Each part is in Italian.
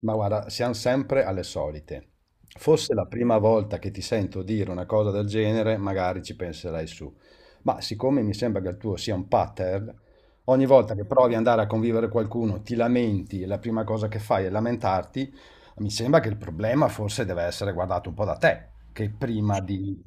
Ma guarda, siamo sempre alle solite. Fosse la prima volta che ti sento dire una cosa del genere, magari ci penserai su. Ma siccome mi sembra che il tuo sia un pattern, ogni volta che provi ad andare a convivere con qualcuno, ti lamenti e la prima cosa che fai è lamentarti, mi sembra che il problema forse deve essere guardato un po' da te, che prima di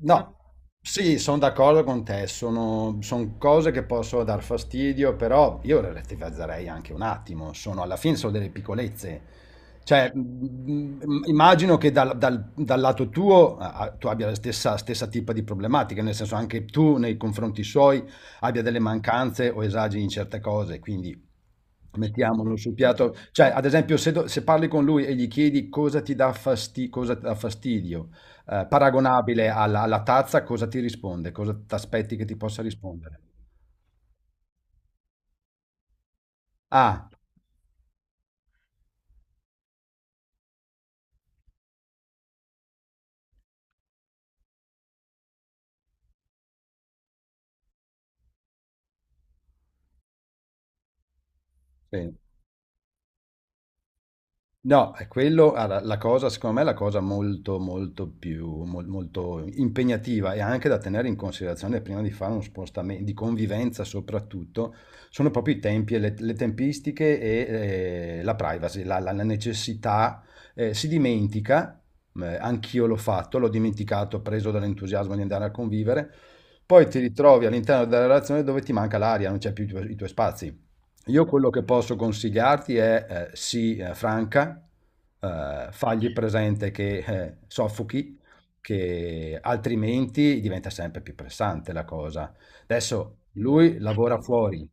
No, sì, sono d'accordo con te, son cose che possono dar fastidio, però io le relativizzerei anche un attimo, sono, alla fine sono delle piccolezze. Cioè, immagino che dal lato tuo tu abbia stessa tipa di problematica, nel senso anche tu nei confronti suoi abbia delle mancanze o esageri in certe cose, quindi mettiamolo sul piatto. Cioè, ad esempio, se parli con lui e gli chiedi cosa ti dà fastidio, paragonabile alla tazza, cosa ti risponde? Cosa ti aspetti che ti possa rispondere? Ah, sì. No, è quello, guarda, la cosa, secondo me, è la cosa molto impegnativa e anche da tenere in considerazione prima di fare uno spostamento, di convivenza soprattutto, sono proprio i tempi e le tempistiche e la privacy, la necessità. Si dimentica, anch'io l'ho fatto, l'ho dimenticato, preso dall'entusiasmo di andare a convivere, poi ti ritrovi all'interno della relazione dove ti manca l'aria, non c'è più i tuoi spazi. Io quello che posso consigliarti è, sii, franca, fagli presente che soffochi, che altrimenti diventa sempre più pressante la cosa. Adesso lui lavora fuori,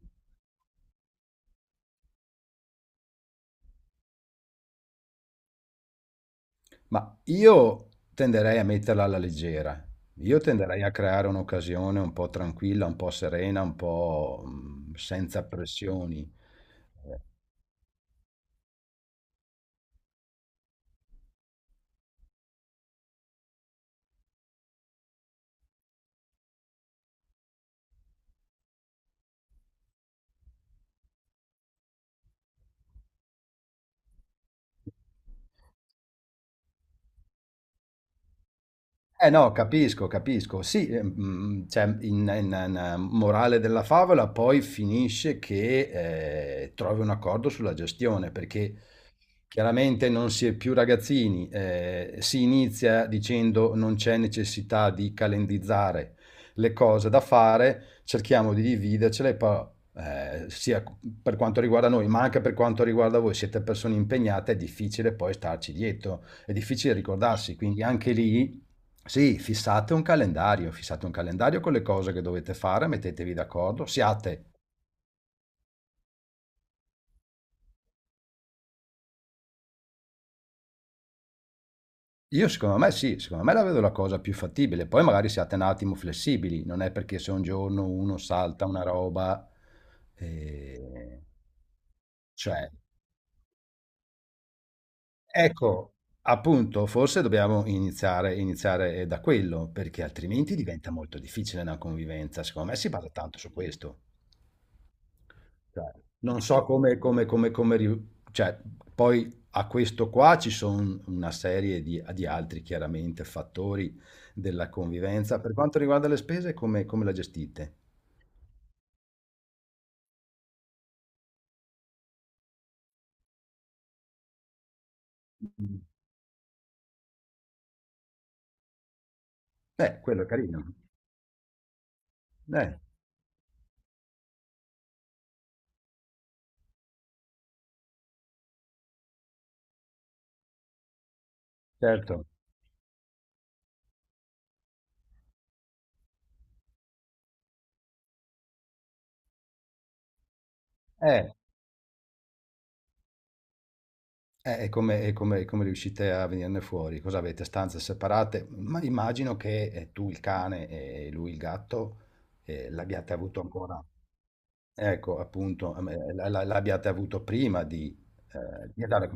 ma io tenderei a metterla alla leggera. Io tenderei a creare un'occasione un po' tranquilla, un po' serena, un po' senza pressioni. Eh, Eh no, capisco, capisco. Sì, cioè, morale della favola poi finisce che trovi un accordo sulla gestione, perché chiaramente non si è più ragazzini, si inizia dicendo non c'è necessità di calendizzare le cose da fare, cerchiamo di dividercele, poi, sia per quanto riguarda noi, ma anche per quanto riguarda voi, siete persone impegnate, è difficile poi starci dietro, è difficile ricordarsi, quindi anche lì sì, fissate un calendario con le cose che dovete fare, mettetevi d'accordo, siate, io secondo me sì, secondo me la vedo la cosa più fattibile, poi magari siate un attimo flessibili, non è perché se un giorno uno salta una roba, eh, cioè, ecco, appunto, forse dobbiamo iniziare, iniziare da quello, perché altrimenti diventa molto difficile una convivenza, secondo me si basa tanto su questo. Cioè, non so cioè, poi a questo qua ci sono una serie di altri, chiaramente, fattori della convivenza. Per quanto riguarda le spese, come la gestite? Mm. Quello è carino. Eh, certo. Eh, e e come riuscite a venirne fuori? Cosa avete? Stanze separate? Ma immagino che tu il cane e lui il gatto l'abbiate avuto ancora. Ecco, appunto, a me la la l'abbiate avuto prima di andare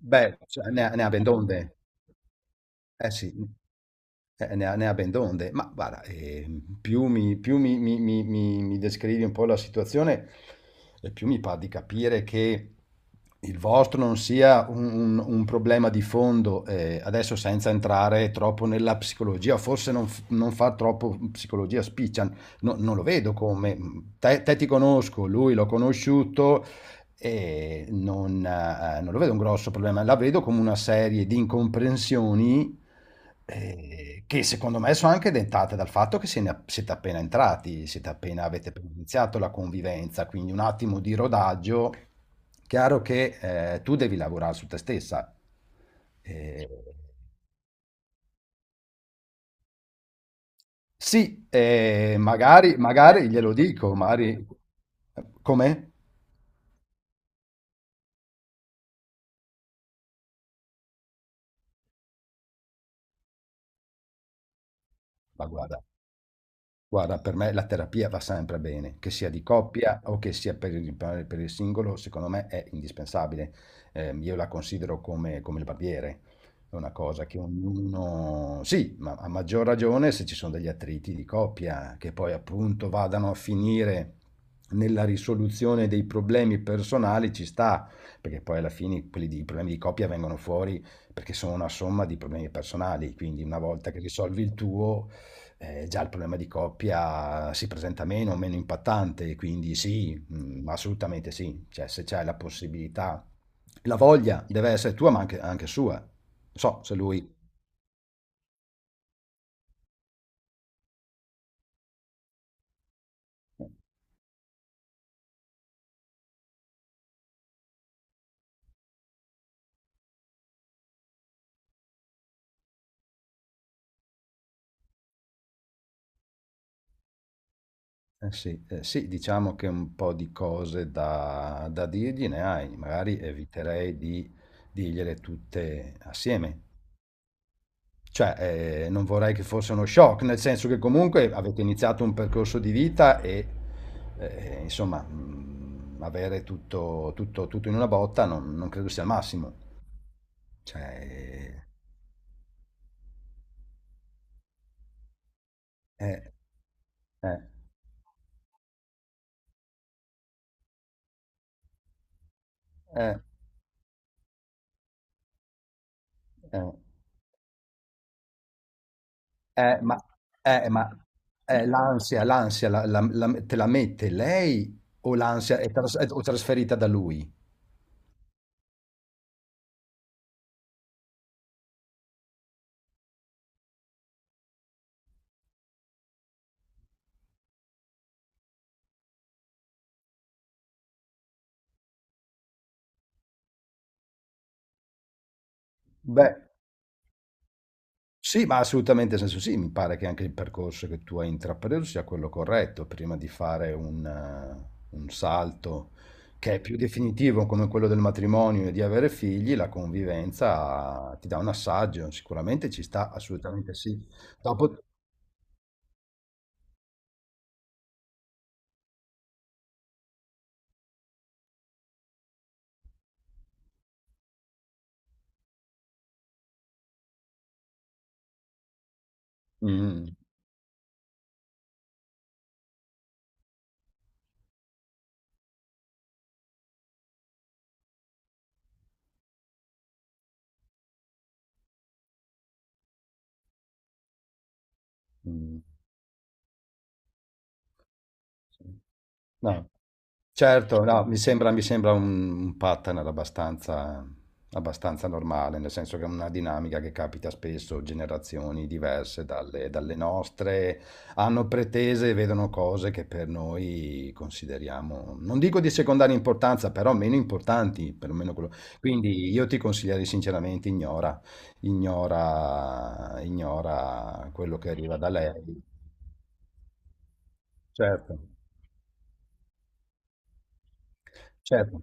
beh, cioè ne ha ben donde. Eh sì. Ne avendo onde, ma guarda, più mi- mi- mi- mi- mi descrivi un po' la situazione, e più mi pare di capire che il vostro non sia un, un problema di fondo, adesso senza entrare troppo nella psicologia, forse non fa troppo psicologia spiccia, non lo vedo come, te ti conosco, lui l'ho conosciuto, e non, non lo vedo un grosso problema, la vedo come una serie di incomprensioni che secondo me sono anche dentate dal fatto che se ne- siete appena entrati, siete appena, avete appena iniziato la convivenza, quindi un attimo di rodaggio. Chiaro che tu devi lavorare su te stessa. Eh, sì, magari glielo dico, magari... Come? Ma guarda. Guarda, per me la terapia va sempre bene, che sia di coppia o che sia per il singolo, secondo me è indispensabile. Io la considero come il barbiere, è una cosa che ognuno... Sì, ma a maggior ragione se ci sono degli attriti di coppia che poi appunto vadano a finire nella risoluzione dei problemi personali, ci sta, perché poi alla fine i problemi di coppia vengono fuori perché sono una somma di problemi personali, quindi una volta che risolvi il tuo già il problema di coppia si presenta meno, meno impattante, quindi sì, assolutamente sì, cioè se c'è la possibilità, la voglia deve essere tua ma anche sua, non so se lui, sì, eh sì, diciamo che un po' di cose da dirgli ne hai, magari eviterei di dirgliele tutte assieme. Cioè, non vorrei che fosse uno shock, nel senso che comunque avete iniziato un percorso di vita e, insomma, mhmm, avere tutto in una botta non credo sia il massimo. Cioè eh, eh, eh, eh, eh, ma eh, ma l'ansia la te la mette lei o l'ansia è tras o trasferita da lui? Beh sì, ma assolutamente, nel senso sì, mi pare che anche il percorso che tu hai intrapreso sia quello corretto, prima di fare un salto che è più definitivo come quello del matrimonio e di avere figli, la convivenza ti dà un assaggio, sicuramente ci sta, assolutamente sì. Dopo... Mm, mm, sì. No. Certo, no, mi sembra un pattern abbastanza, abbastanza normale, nel senso che è una dinamica che capita spesso, generazioni diverse dalle nostre hanno pretese e vedono cose che per noi consideriamo, non dico di secondaria importanza, però meno importanti, perlomeno quello. Quindi io ti consiglierei sinceramente ignora, ignora, ignora quello che arriva da lei. Certo, certo.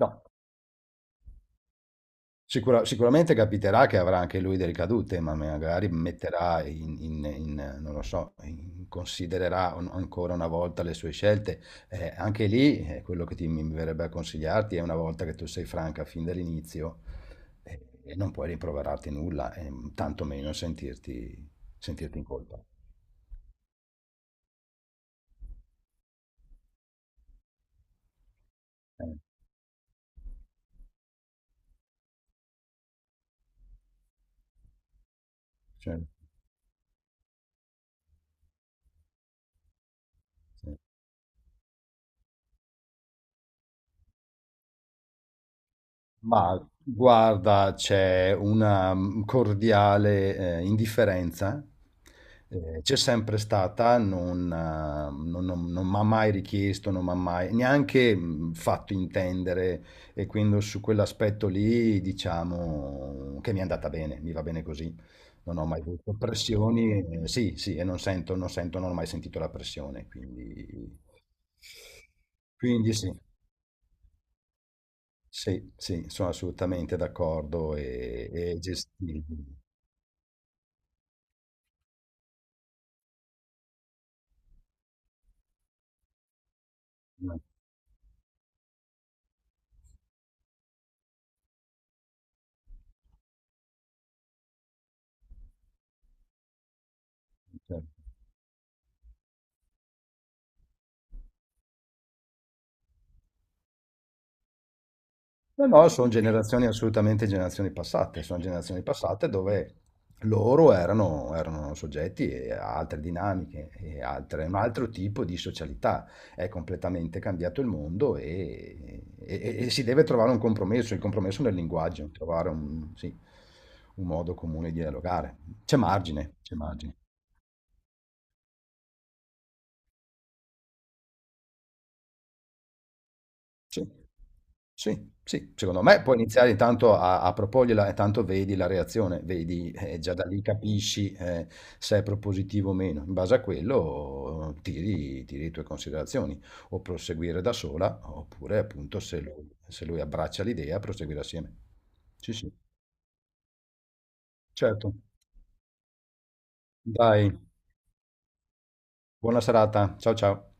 No. Sicura- sicuramente capiterà che avrà anche lui delle ricadute, ma magari metterà non lo so, considererà ancora una volta le sue scelte. Anche lì, quello che mi verrebbe a consigliarti è una volta che tu sei franca fin dall'inizio, e non puoi rimproverarti nulla, e tanto meno sentirti, sentirti in colpa. Eh, cioè, sì. Ma guarda, c'è una cordiale indifferenza, c'è sempre stata, non mi ha mai richiesto, non mi ha mai neanche fatto intendere e quindi su quell'aspetto lì diciamo che mi è andata bene, mi va bene così, non ho mai avuto pressioni, sì, sì, e non sento, non ho mai sentito la pressione, quindi, quindi sì. Sì, sì, sono assolutamente d'accordo e gestibili. Certo. No, no, sono generazioni assolutamente generazioni passate, sono generazioni passate dove erano soggetti a altre dinamiche, un altro tipo di socialità. È completamente cambiato il mondo e si deve trovare un compromesso, il compromesso nel linguaggio, trovare un, sì, un modo comune di dialogare. C'è margine, c'è margine. Sì, sì, sì, secondo me puoi iniziare intanto a proporgliela e tanto vedi la reazione, vedi, già da lì capisci se è propositivo o meno. In base a quello tiri, tiri le tue considerazioni, o proseguire da sola, oppure appunto se lui abbraccia l'idea, proseguire assieme. Sì, sì, certo. Dai, buona serata. Ciao ciao.